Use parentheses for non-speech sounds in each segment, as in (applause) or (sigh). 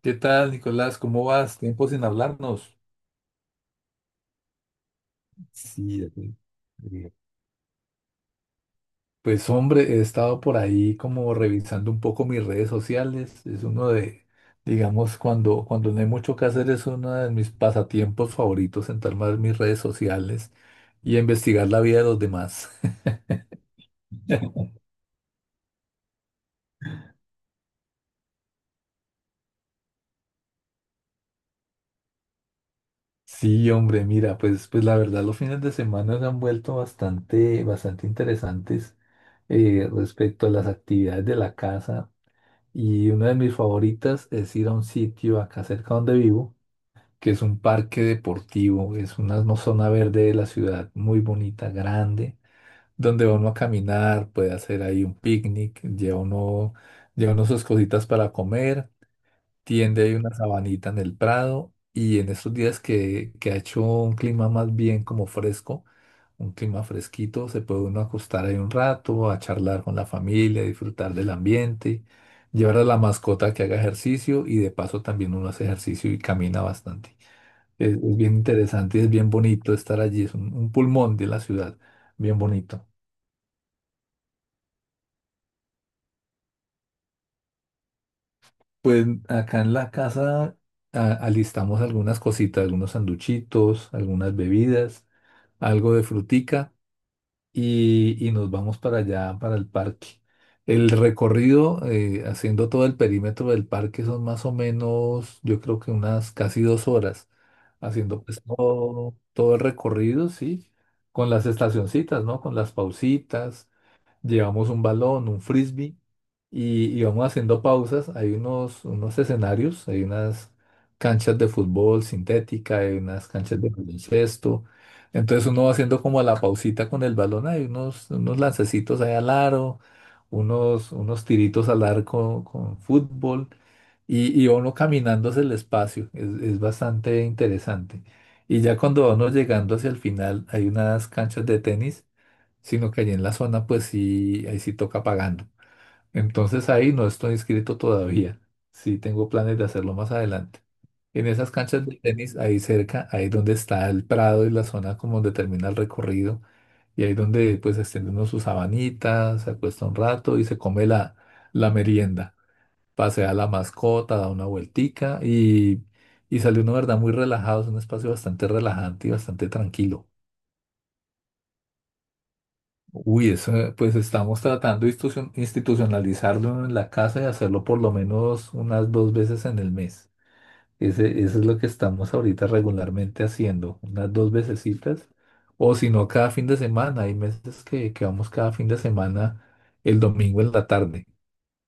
¿Qué tal, Nicolás? ¿Cómo vas? Tiempo sin hablarnos. Sí, de acuerdo. Eh, Pues hombre, he estado por ahí como revisando un poco mis redes sociales. Es uno de, digamos, cuando no hay mucho que hacer, es uno de mis pasatiempos favoritos, sentarme a ver mis redes sociales y investigar la vida de los demás. (laughs) Sí, hombre, mira, pues la verdad los fines de semana se han vuelto bastante, bastante interesantes respecto a las actividades de la casa. Y una de mis favoritas es ir a un sitio acá cerca donde vivo, que es un parque deportivo, es una zona verde de la ciudad muy bonita, grande, donde va uno a caminar, puede hacer ahí un picnic, lleva uno sus cositas para comer, tiende ahí una sabanita en el prado y en estos días que ha hecho un clima más bien como fresco, un clima fresquito, se puede uno acostar ahí un rato, a charlar con la familia, disfrutar del ambiente, llevar a la mascota que haga ejercicio y de paso también uno hace ejercicio y camina bastante. Es bien interesante y es bien bonito estar allí, es un pulmón de la ciudad, bien bonito. Pues acá en la casa alistamos algunas cositas, algunos sanduchitos, algunas bebidas, algo de frutica. Y nos vamos para allá, para el parque. El recorrido, haciendo todo el perímetro del parque, son más o menos, yo creo que unas casi 2 horas, haciendo pues todo, todo el recorrido, ¿sí? Con las estacioncitas, ¿no? Con las pausitas, llevamos un balón, un frisbee, y vamos haciendo pausas. Hay unos escenarios, hay unas canchas de fútbol sintética, hay unas canchas de baloncesto. Entonces uno va haciendo como la pausita con el balón, hay unos lancecitos ahí al aro, unos tiritos al arco con fútbol y uno caminando hacia el espacio. Es bastante interesante. Y ya cuando vamos llegando hacia el final, hay unas canchas de tenis, sino que allí en la zona, pues sí, ahí sí toca pagando. Entonces ahí no estoy inscrito todavía. Sí tengo planes de hacerlo más adelante. En esas canchas de tenis, ahí cerca, ahí donde está el prado y la zona como donde termina el recorrido, y ahí donde pues extiende uno sus sabanitas, se acuesta un rato y se come la, la merienda. Pasea a la mascota, da una vueltica y sale uno, ¿verdad? Muy relajado. Es un espacio bastante relajante y bastante tranquilo. Uy, eso, pues estamos tratando de institucionalizarlo en la casa y hacerlo por lo menos unas dos veces en el mes. Eso es lo que estamos ahorita regularmente haciendo, unas dos vecesitas, o si no, cada fin de semana. Hay meses que vamos cada fin de semana el domingo en la tarde.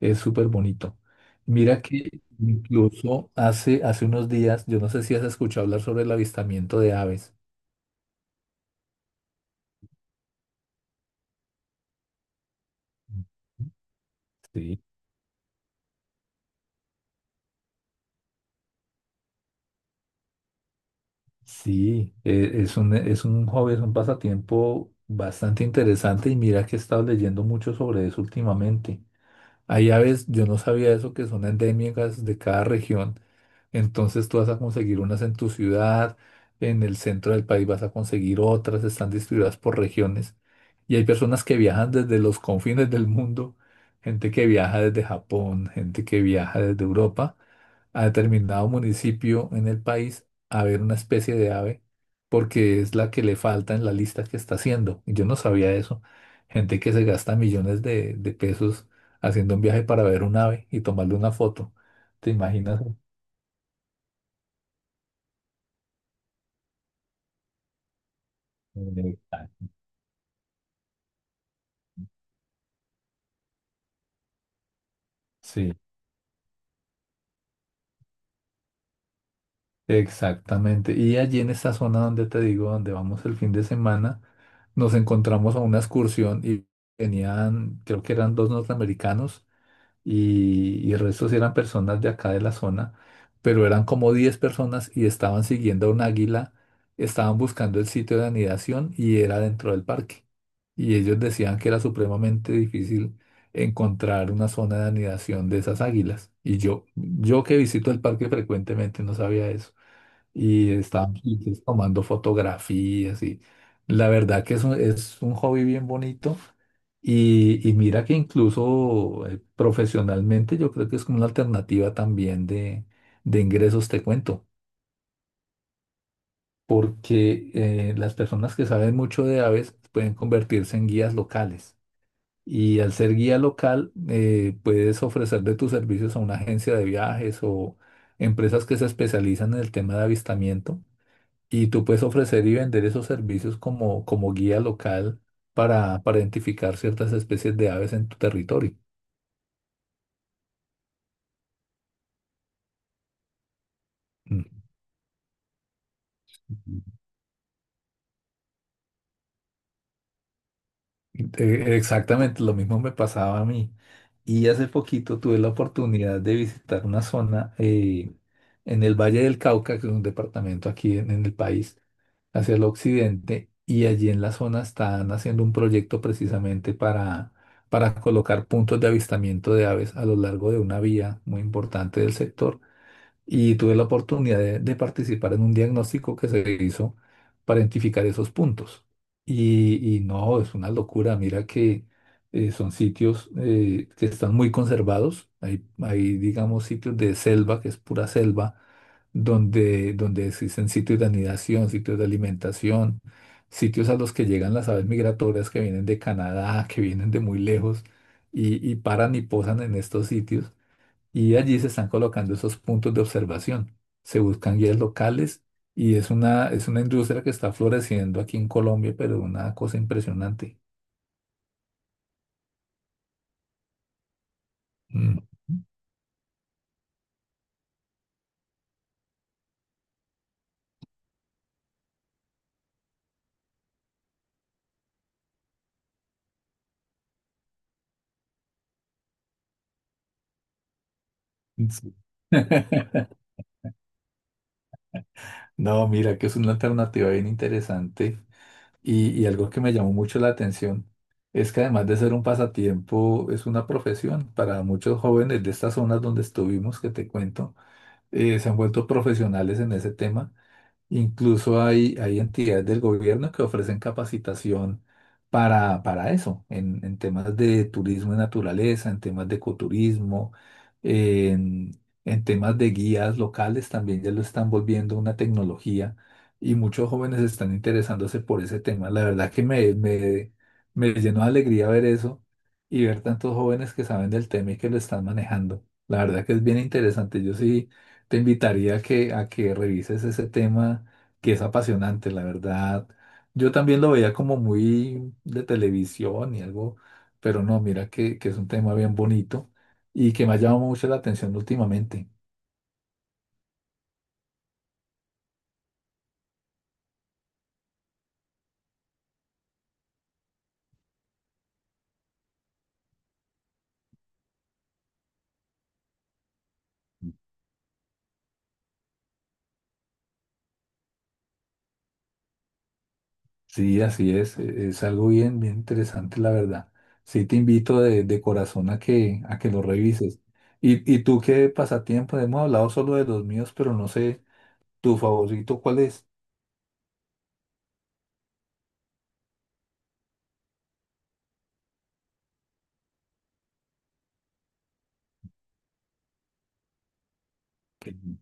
Es súper bonito. Mira que incluso hace unos días, yo no sé si has escuchado hablar sobre el avistamiento de aves. Sí. Sí, es un hobby, es un pasatiempo bastante interesante y mira que he estado leyendo mucho sobre eso últimamente. Hay aves, yo no sabía eso, que son endémicas de cada región, entonces tú vas a conseguir unas en tu ciudad, en el centro del país vas a conseguir otras, están distribuidas por regiones. Y hay personas que viajan desde los confines del mundo, gente que viaja desde Japón, gente que viaja desde Europa a determinado municipio en el país a ver una especie de ave porque es la que le falta en la lista que está haciendo. Y yo no sabía eso. Gente que se gasta millones de pesos haciendo un viaje para ver un ave y tomarle una foto. ¿Te imaginas? Exacto. Sí, exactamente. Y allí en esa zona donde te digo, donde vamos el fin de semana, nos encontramos a una excursión y venían, creo que eran dos norteamericanos y el resto sí eran personas de acá de la zona, pero eran como 10 personas y estaban siguiendo a un águila, estaban buscando el sitio de anidación y era dentro del parque. Y ellos decían que era supremamente difícil encontrar una zona de anidación de esas águilas. Y yo que visito el parque frecuentemente no sabía eso. Y estábamos entonces tomando fotografías y la verdad que es un hobby bien bonito. Y mira que incluso profesionalmente yo creo que es como una alternativa también de ingresos, te cuento, porque las personas que saben mucho de aves pueden convertirse en guías locales. Y al ser guía local, puedes ofrecer de tus servicios a una agencia de viajes o empresas que se especializan en el tema de avistamiento. Y tú puedes ofrecer y vender esos servicios como guía local para identificar ciertas especies de aves en tu territorio. Mm. Exactamente, lo mismo me pasaba a mí. Y hace poquito tuve la oportunidad de visitar una zona en el Valle del Cauca, que es un departamento aquí en el país, hacia el occidente y allí en la zona están haciendo un proyecto precisamente para colocar puntos de avistamiento de aves a lo largo de una vía muy importante del sector y tuve la oportunidad de participar en un diagnóstico que se hizo para identificar esos puntos. Y no, es una locura. Mira que son sitios que están muy conservados. Hay, digamos, sitios de selva, que es pura selva, donde, donde existen sitios de anidación, sitios de alimentación, sitios a los que llegan las aves migratorias que vienen de Canadá, que vienen de muy lejos y paran y posan en estos sitios y allí se están colocando esos puntos de observación. Se buscan guías locales y es una industria que está floreciendo aquí en Colombia, pero una cosa impresionante. Mm. Sí. (laughs) No, mira que es una alternativa bien interesante y algo que me llamó mucho la atención es que además de ser un pasatiempo, es una profesión. Para muchos jóvenes de estas zonas donde estuvimos, que te cuento, se han vuelto profesionales en ese tema. Incluso hay, hay entidades del gobierno que ofrecen capacitación para eso, en temas de turismo y naturaleza, en temas de ecoturismo, en, en temas de guías locales, también ya lo están volviendo una tecnología y muchos jóvenes están interesándose por ese tema. La verdad que me llenó de alegría ver eso y ver tantos jóvenes que saben del tema y que lo están manejando. La verdad que es bien interesante. Yo sí te invitaría a que revises ese tema que es apasionante, la verdad. Yo también lo veía como muy de televisión y algo, pero no, mira que es un tema bien bonito y que me ha llamado mucho la atención últimamente. Sí, así es, es algo bien, bien interesante, la verdad. Sí, te invito de corazón a que lo revises. ¿Y tú qué pasatiempo? Hemos hablado solo de los míos, pero no sé, ¿tu favorito cuál es? Que-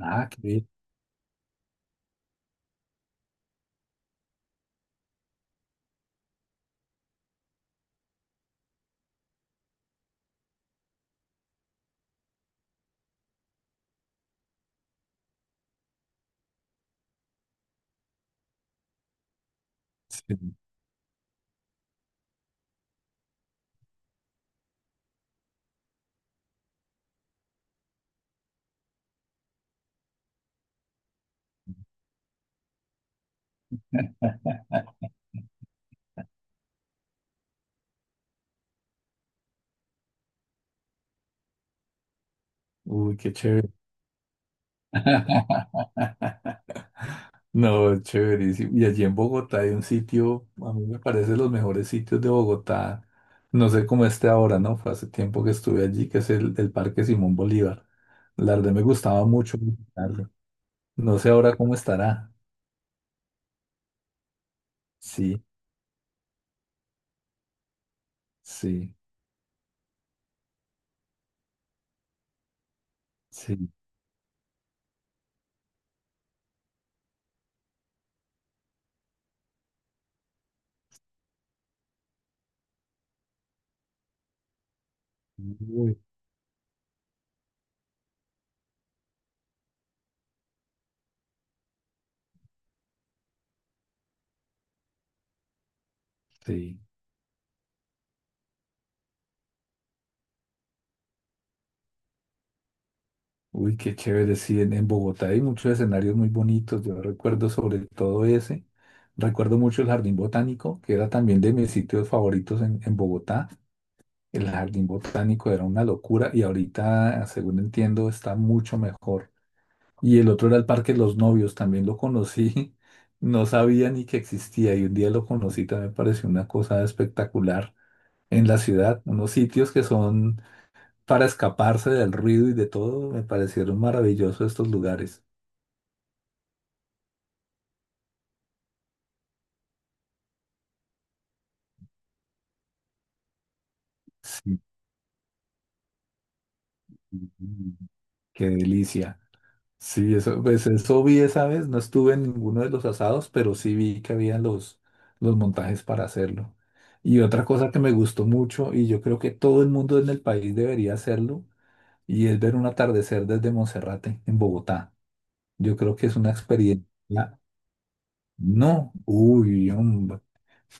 Ah, qué bien. Sí. (laughs) Uy, qué chévere. No, es chéverísimo. Y allí en Bogotá hay un sitio, a mí me parece los mejores sitios de Bogotá. No sé cómo esté ahora, ¿no? Fue hace tiempo que estuve allí, que es el Parque Simón Bolívar. La verdad me gustaba mucho visitarlo. No sé ahora cómo estará. Sí, sí, sí. Uy, sí. Uy, qué chévere. Sí, en Bogotá hay muchos escenarios muy bonitos. Yo recuerdo sobre todo ese. Recuerdo mucho el Jardín Botánico, que era también de mis sitios favoritos en Bogotá. El jardín botánico era una locura y ahorita, según entiendo, está mucho mejor. Y el otro era el Parque de los Novios, también lo conocí, (laughs) no sabía ni que existía y un día lo conocí, también me pareció una cosa espectacular en la ciudad. Unos sitios que son para escaparse del ruido y de todo, me parecieron maravillosos estos lugares. Sí, qué delicia. Sí, eso, pues eso vi esa vez, no estuve en ninguno de los asados, pero sí vi que había los montajes para hacerlo. Y otra cosa que me gustó mucho, y yo creo que todo el mundo en el país debería hacerlo, y es ver un atardecer desde Monserrate, en Bogotá. Yo creo que es una experiencia. No, uy, hombre,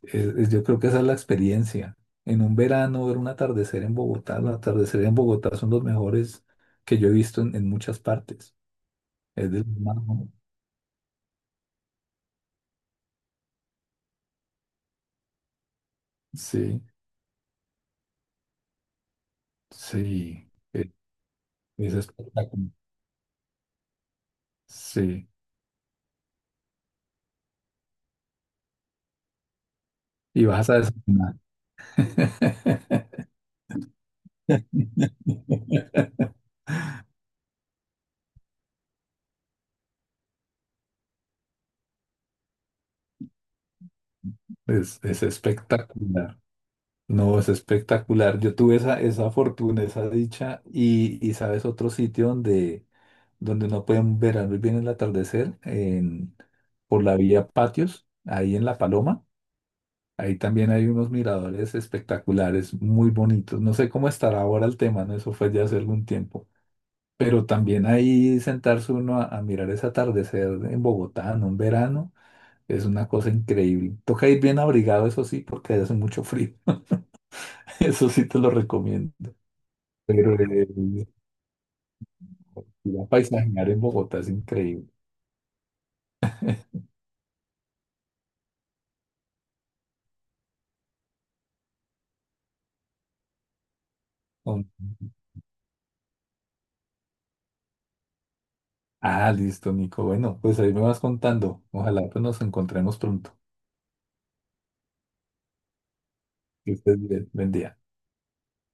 yo creo que esa es la experiencia. En un verano ver un atardecer en Bogotá, los atardeceres en Bogotá son los mejores que yo he visto en muchas partes. Es del mar, ¿no? Sí. Sí, e- es espectacular. Sí, y vas a desayunar. (laughs) Es espectacular. No, es espectacular. Yo tuve esa, esa fortuna, esa dicha, y sabes, otro sitio donde, donde uno puede ver muy bien el atardecer, en, por la vía Patios, ahí en La Paloma. Ahí también hay unos miradores espectaculares, muy bonitos. No sé cómo estará ahora el tema, ¿no? Eso fue ya hace algún tiempo. Pero también ahí sentarse uno a mirar ese atardecer en Bogotá en un verano es una cosa increíble. Toca ir bien abrigado, eso sí, porque hace mucho frío. (laughs) Eso sí te lo recomiendo. Pero ir a paisajear en Bogotá es increíble. Um, Ah, listo, Nico. Bueno, pues ahí me vas contando. Ojalá pues, nos encontremos pronto. Que estés bien. Buen día.